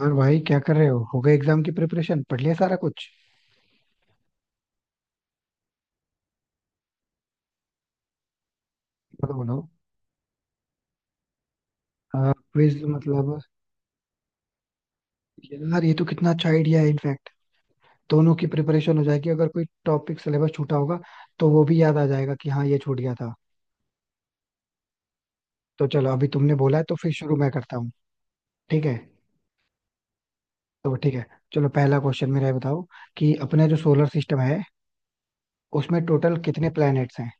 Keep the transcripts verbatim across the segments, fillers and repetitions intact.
और भाई, क्या कर रहे हो? हो गए एग्जाम की प्रिपरेशन? पढ़ लिया सारा कुछ? बोलो बोलो। क्विज मतलब? यार ये तो कितना अच्छा आइडिया है इनफैक्ट। दोनों की प्रिपरेशन हो जाएगी अगर कोई टॉपिक सिलेबस छूटा होगा तो वो भी याद आ जाएगा कि हाँ, ये छूट गया था। तो चलो, अभी तुमने बोला है तो फिर शुरू मैं करता हूँ। ठीक है, तो ठीक है। चलो, पहला क्वेश्चन मेरा ये बताओ कि अपना जो सोलर सिस्टम है उसमें टोटल कितने प्लैनेट्स हैं?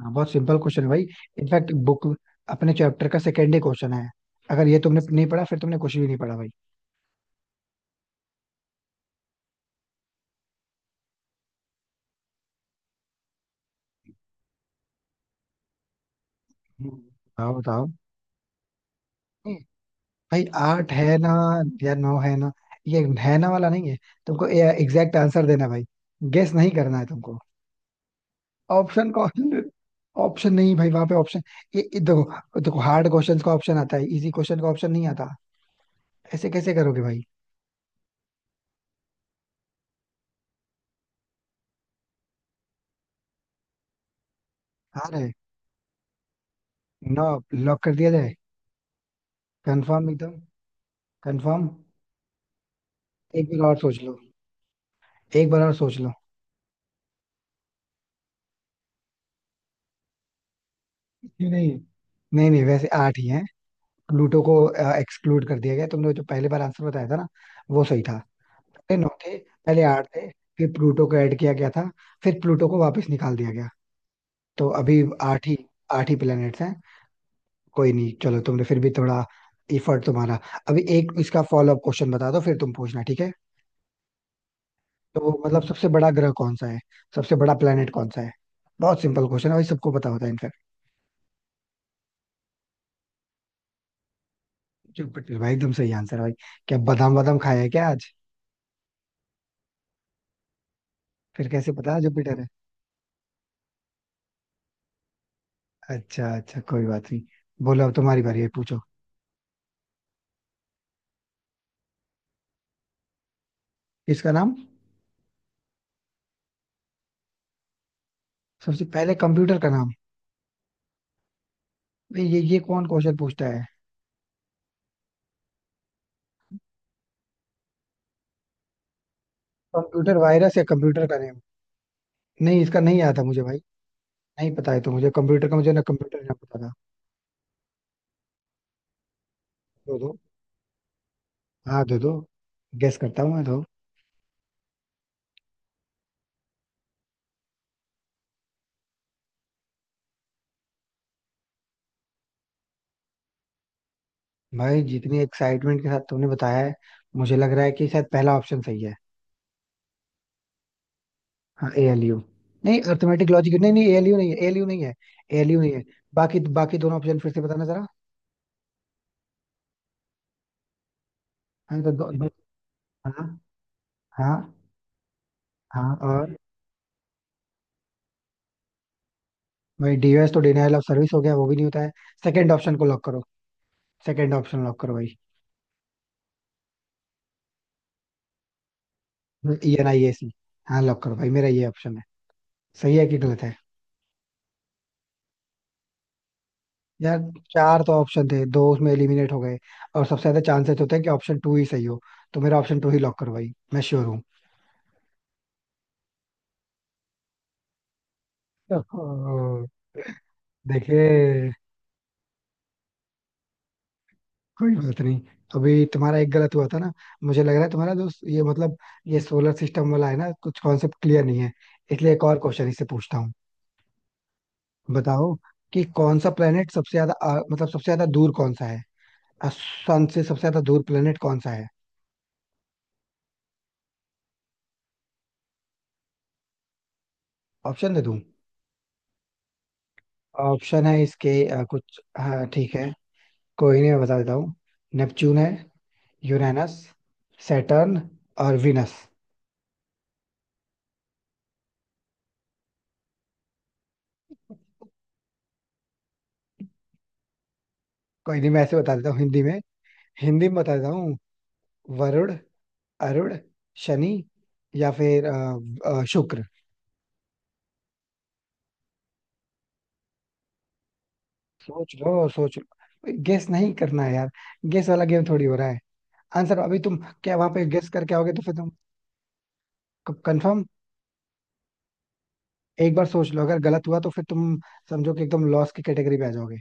हाँ, बहुत सिंपल क्वेश्चन भाई। इनफैक्ट बुक, अपने चैप्टर का सेकेंड ही क्वेश्चन है। अगर ये तुमने नहीं पढ़ा फिर तुमने कुछ भी नहीं पढ़ा भाई। हम्म, बताओ बताओ। नहीं, भाई आठ है ना या नौ है ना? ये है ना वाला नहीं है। तुमको एग्जैक्ट आंसर देना है भाई, गेस नहीं करना है तुमको। ऑप्शन कौन? ऑप्शन नहीं भाई, वहां पे ऑप्शन? ये ये देखो देखो, हार्ड क्वेश्चंस का ऑप्शन आता है, इजी क्वेश्चन का ऑप्शन नहीं आता। ऐसे कैसे करोगे भाई? हार है। नौ। लॉक कर दिया जाए? कंफर्म एकदम, कंफर्म। एक बार और सोच लो, एक बार और सोच लो। नहीं नहीं, नहीं नहीं, वैसे आठ ही है। प्लूटो को एक्सक्लूड कर दिया गया, तुमने जो पहले बार आंसर बताया था ना वो सही था। पहले नौ थे, पहले आठ थे। फिर प्लूटो को ऐड किया गया था, फिर प्लूटो को वापस निकाल दिया गया। तो अभी आठ ही, आठ ही प्लैनेट्स हैं। कोई नहीं चलो, तुमने फिर भी थोड़ा इफर्ट तुम्हारा। अभी एक इसका फॉलो अप क्वेश्चन बता दो, फिर तुम पूछना, ठीक है? तो मतलब सबसे बड़ा ग्रह कौन सा है? सबसे बड़ा प्लेनेट कौन सा है? बहुत सिंपल क्वेश्चन है भाई, सबको पता होता है इनफैक्ट। जुपिटर भाई, एकदम सही आंसर भाई। क्या बादाम बादाम खाया है क्या आज? फिर कैसे पता जुपिटर है? अच्छा अच्छा, कोई बात नहीं। बोलो, अब तुम्हारी बारी है, पूछो। इसका नाम? सबसे पहले कंप्यूटर का नाम? भाई ये ये कौन क्वेश्चन पूछता है? कंप्यूटर वायरस या कंप्यूटर का नेम? नहीं, इसका नहीं आता मुझे भाई। नहीं पता है, तो मुझे कंप्यूटर का, मुझे ना कंप्यूटर ना पता था। दो दो, हाँ दो दो, गेस करता हूँ मैं तो। भाई जितनी एक्साइटमेंट के साथ तुमने बताया है, मुझे लग रहा है कि शायद पहला ऑप्शन सही है। हाँ, ए एल यू। नहीं, अर्थमेटिक लॉजिक, नहीं नहीं, एल यू नहीं है, एल यू नहीं है, एल यू नहीं है। बाकी बाकी दोनों ऑप्शन फिर से बताना जरा। हाँ तो दो, दो, हाँ हाँ हाँ, और। भाई डीओएस तो डिनायल ऑफ सर्विस हो गया, वो भी नहीं होता है। सेकंड ऑप्शन को लॉक करो, सेकंड ऑप्शन लॉक करो भाई। E N I A C. हाँ लॉक करो भाई, मेरा ये ऑप्शन है। सही है कि गलत है? यार, चार तो ऑप्शन थे, दो उसमें एलिमिनेट हो गए और सबसे ज्यादा चांसेस होते हैं कि ऑप्शन टू ही सही हो। तो मेरा ऑप्शन टू ही लॉक करो भाई, मैं श्योर हूँ। ओहो, देखिए। कोई बात नहीं, अभी तुम्हारा एक गलत हुआ था ना, मुझे लग रहा है तुम्हारा दोस्त ये मतलब, ये सोलर सिस्टम वाला है ना, कुछ कॉन्सेप्ट क्लियर नहीं है। इसलिए एक और क्वेश्चन इससे पूछता हूँ। बताओ कि कौन सा प्लेनेट सबसे ज्यादा आ, मतलब सबसे ज्यादा दूर कौन सा है? सन से सबसे ज्यादा दूर प्लेनेट कौन सा है? ऑप्शन दे दूं? ऑप्शन है इसके अ, कुछ, हाँ ठीक है। कोई नहीं मैं बता देता हूँ। नेपच्यून है। यूरेनस। सैटर्न। और विनस। कोई नहीं, मैं ऐसे बता देता हूँ हिंदी में, हिंदी में बता देता हूँ। वरुण। अरुण। शनि, या फिर अ, अ, शुक्र। सोच लो, सोच लो, गेस नहीं करना है यार, गेस वाला गेम थोड़ी हो रहा है। आंसर अभी तुम क्या वहां पे गेस करके आओगे? तो फिर तुम। कंफर्म, एक बार सोच लो, अगर गलत हुआ तो फिर तुम समझो कि एकदम लॉस की कैटेगरी में आ जाओगे।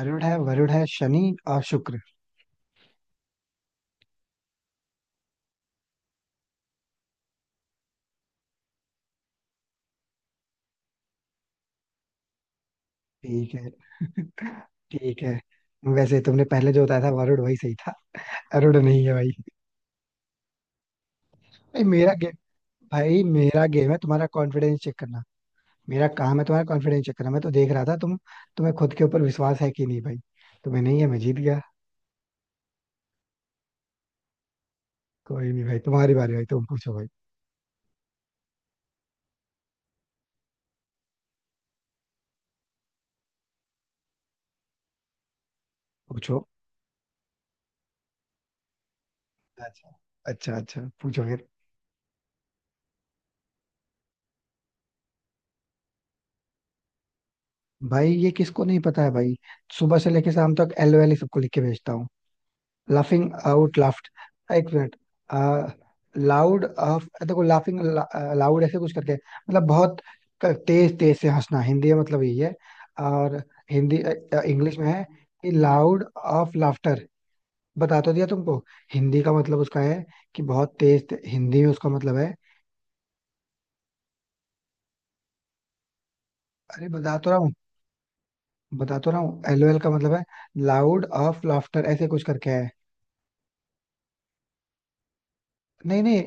अरुण है, वरुण है, शनि और शुक्र। ठीक है। ठीक है। वैसे तुमने पहले जो बताया था, वरुण, वही सही था। अरुण नहीं है भाई। भाई मेरा गेम भाई मेरा गेम है तुम्हारा कॉन्फिडेंस चेक करना। मेरा काम है तुम्हारा कॉन्फिडेंस चेक करना, मैं तो देख रहा था तुम। तुम्हें खुद के ऊपर विश्वास है कि नहीं भाई? तुम्हें नहीं है, मैं जीत गया। कोई नहीं भाई, तुम्हारी बारी भाई, तुम पूछो भाई। पूछो। अच्छा अच्छा अच्छा, पूछो फिर। भाई ये किसको नहीं पता है भाई? सुबह से लेके शाम तक एल वैली सबको लिख के भेजता हूँ। Laughing out laughed. एक मिनट। लाउड ऑफ, देखो, लाफिंग लाउड ऐसे कुछ करके, मतलब बहुत क- तेज तेज से हंसना, हिंदी में मतलब यही है। और हिंदी, इंग्लिश में है कि लाउड ऑफ लाफ्टर। बता तो दिया तुमको, हिंदी का मतलब उसका है कि बहुत तेज ते, हिंदी में उसका मतलब है। अरे बता तो रहा हूँ। बता तो रहा हूँ, एलओएल का मतलब है लाउड ऑफ लाफ्टर ऐसे कुछ करके है। नहीं नहीं।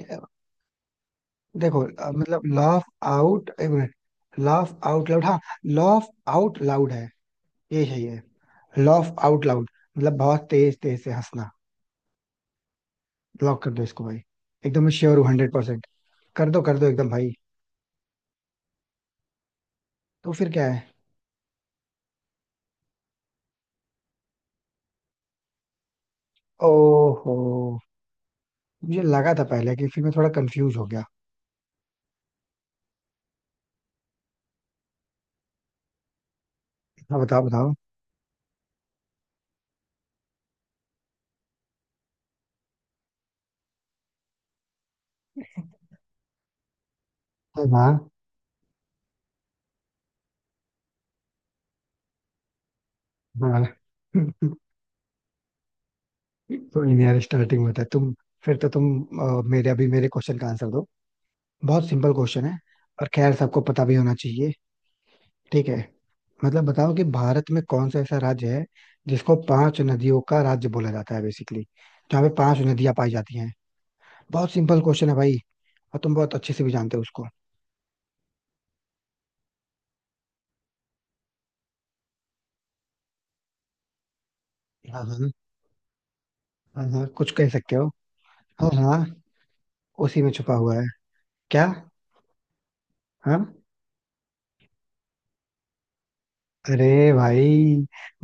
देखो अ, मतलब लाफ आउट, एक मिनट, लाफ आउट लाउड, हाँ, लाफ आउट लाउड है, ये सही है, लाफ आउट लाउड मतलब बहुत तेज तेज से हंसना। ब्लॉक कर दो इसको भाई, एकदम श्योर हूँ हंड्रेड परसेंट। कर दो, कर दो एकदम भाई। तो फिर क्या है? ओहो, मुझे लगा था पहले, कि फिर मैं थोड़ा कंफ्यूज हो गया। हाँ बताओ बताओ। हाँ हाँ हाँ। कोई नहीं यार, स्टार्टिंग में था तुम, फिर तो तुम अ, मेरे अभी मेरे क्वेश्चन का आंसर दो। बहुत सिंपल क्वेश्चन है, और खैर सबको पता भी होना चाहिए, ठीक है? मतलब बताओ कि भारत में कौन सा ऐसा राज्य है जिसको पांच नदियों का राज्य बोला जाता है बेसिकली, जहाँ पे पांच नदियां पाई जाती हैं? बहुत सिंपल क्वेश्चन है भाई, और तुम बहुत अच्छे से भी जानते हो उसको। हाँ हाँ हाँ हाँ, कुछ कह सकते हो। हाँ हाँ, उसी में छुपा हुआ है। क्या? हाँ। अरे भाई,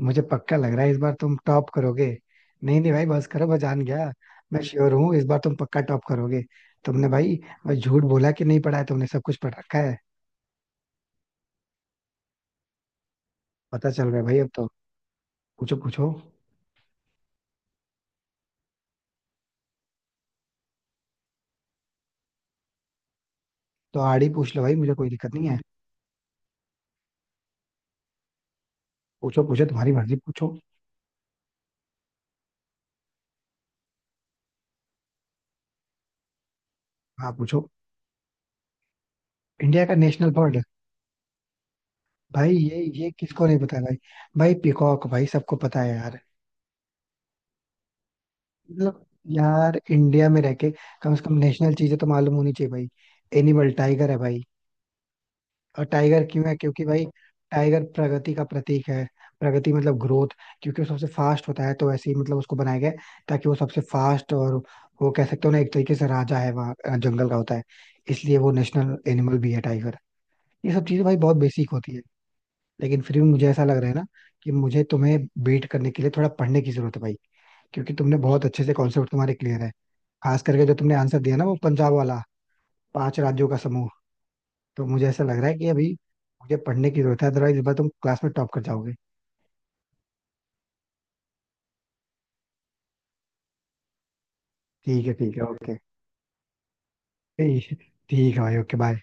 मुझे पक्का लग रहा है इस बार तुम टॉप करोगे। नहीं नहीं भाई, बस करो, मैं जान गया। मैं श्योर हूँ इस बार तुम पक्का टॉप करोगे। तुमने भाई, भाई झूठ बोला कि नहीं पढ़ा, है तुमने सब कुछ पढ़ रखा है। पता चल रहा है भाई अब तो। पूछो पूछो। तो आड़ी पूछ लो भाई, मुझे कोई दिक्कत नहीं है। पूछो पूछो, तुम्हारी मर्जी, पूछो। हाँ पूछो। इंडिया का नेशनल बर्ड? भाई ये ये किसको नहीं पता है भाई? भाई पीकॉक भाई, सबको पता है यार। मतलब यार, इंडिया में रह के कम से कम नेशनल चीजें तो मालूम होनी चाहिए भाई। एनिमल टाइगर है भाई। और टाइगर क्यों है? क्योंकि भाई, टाइगर प्रगति का प्रतीक है। प्रगति मतलब ग्रोथ। क्योंकि वो सबसे फास्ट होता है, तो ऐसे ही मतलब उसको बनाया गया है, ताकि वो सबसे फास्ट, और वो कह सकते हो ना, एक तरीके से राजा है वहाँ, अ, जंगल का होता है। इसलिए वो नेशनल एनिमल भी है टाइगर। ये सब चीजें भाई बहुत बेसिक होती है। लेकिन फिर भी मुझे ऐसा लग रहा है ना कि मुझे तुम्हें बीट करने के लिए थोड़ा पढ़ने की जरूरत है भाई, क्योंकि तुमने बहुत अच्छे से कॉन्सेप्ट, तुम्हारे क्लियर है। खास करके जो तुमने आंसर दिया ना, वो पंजाब वाला, पांच राज्यों का समूह। तो मुझे ऐसा लग रहा है कि अभी मुझे पढ़ने की जरूरत है, अदरवाइज इस बार तुम क्लास में टॉप कर जाओगे। ठीक है, ठीक है, ओके। ठीक, ठीक है भाई, ओके बाय।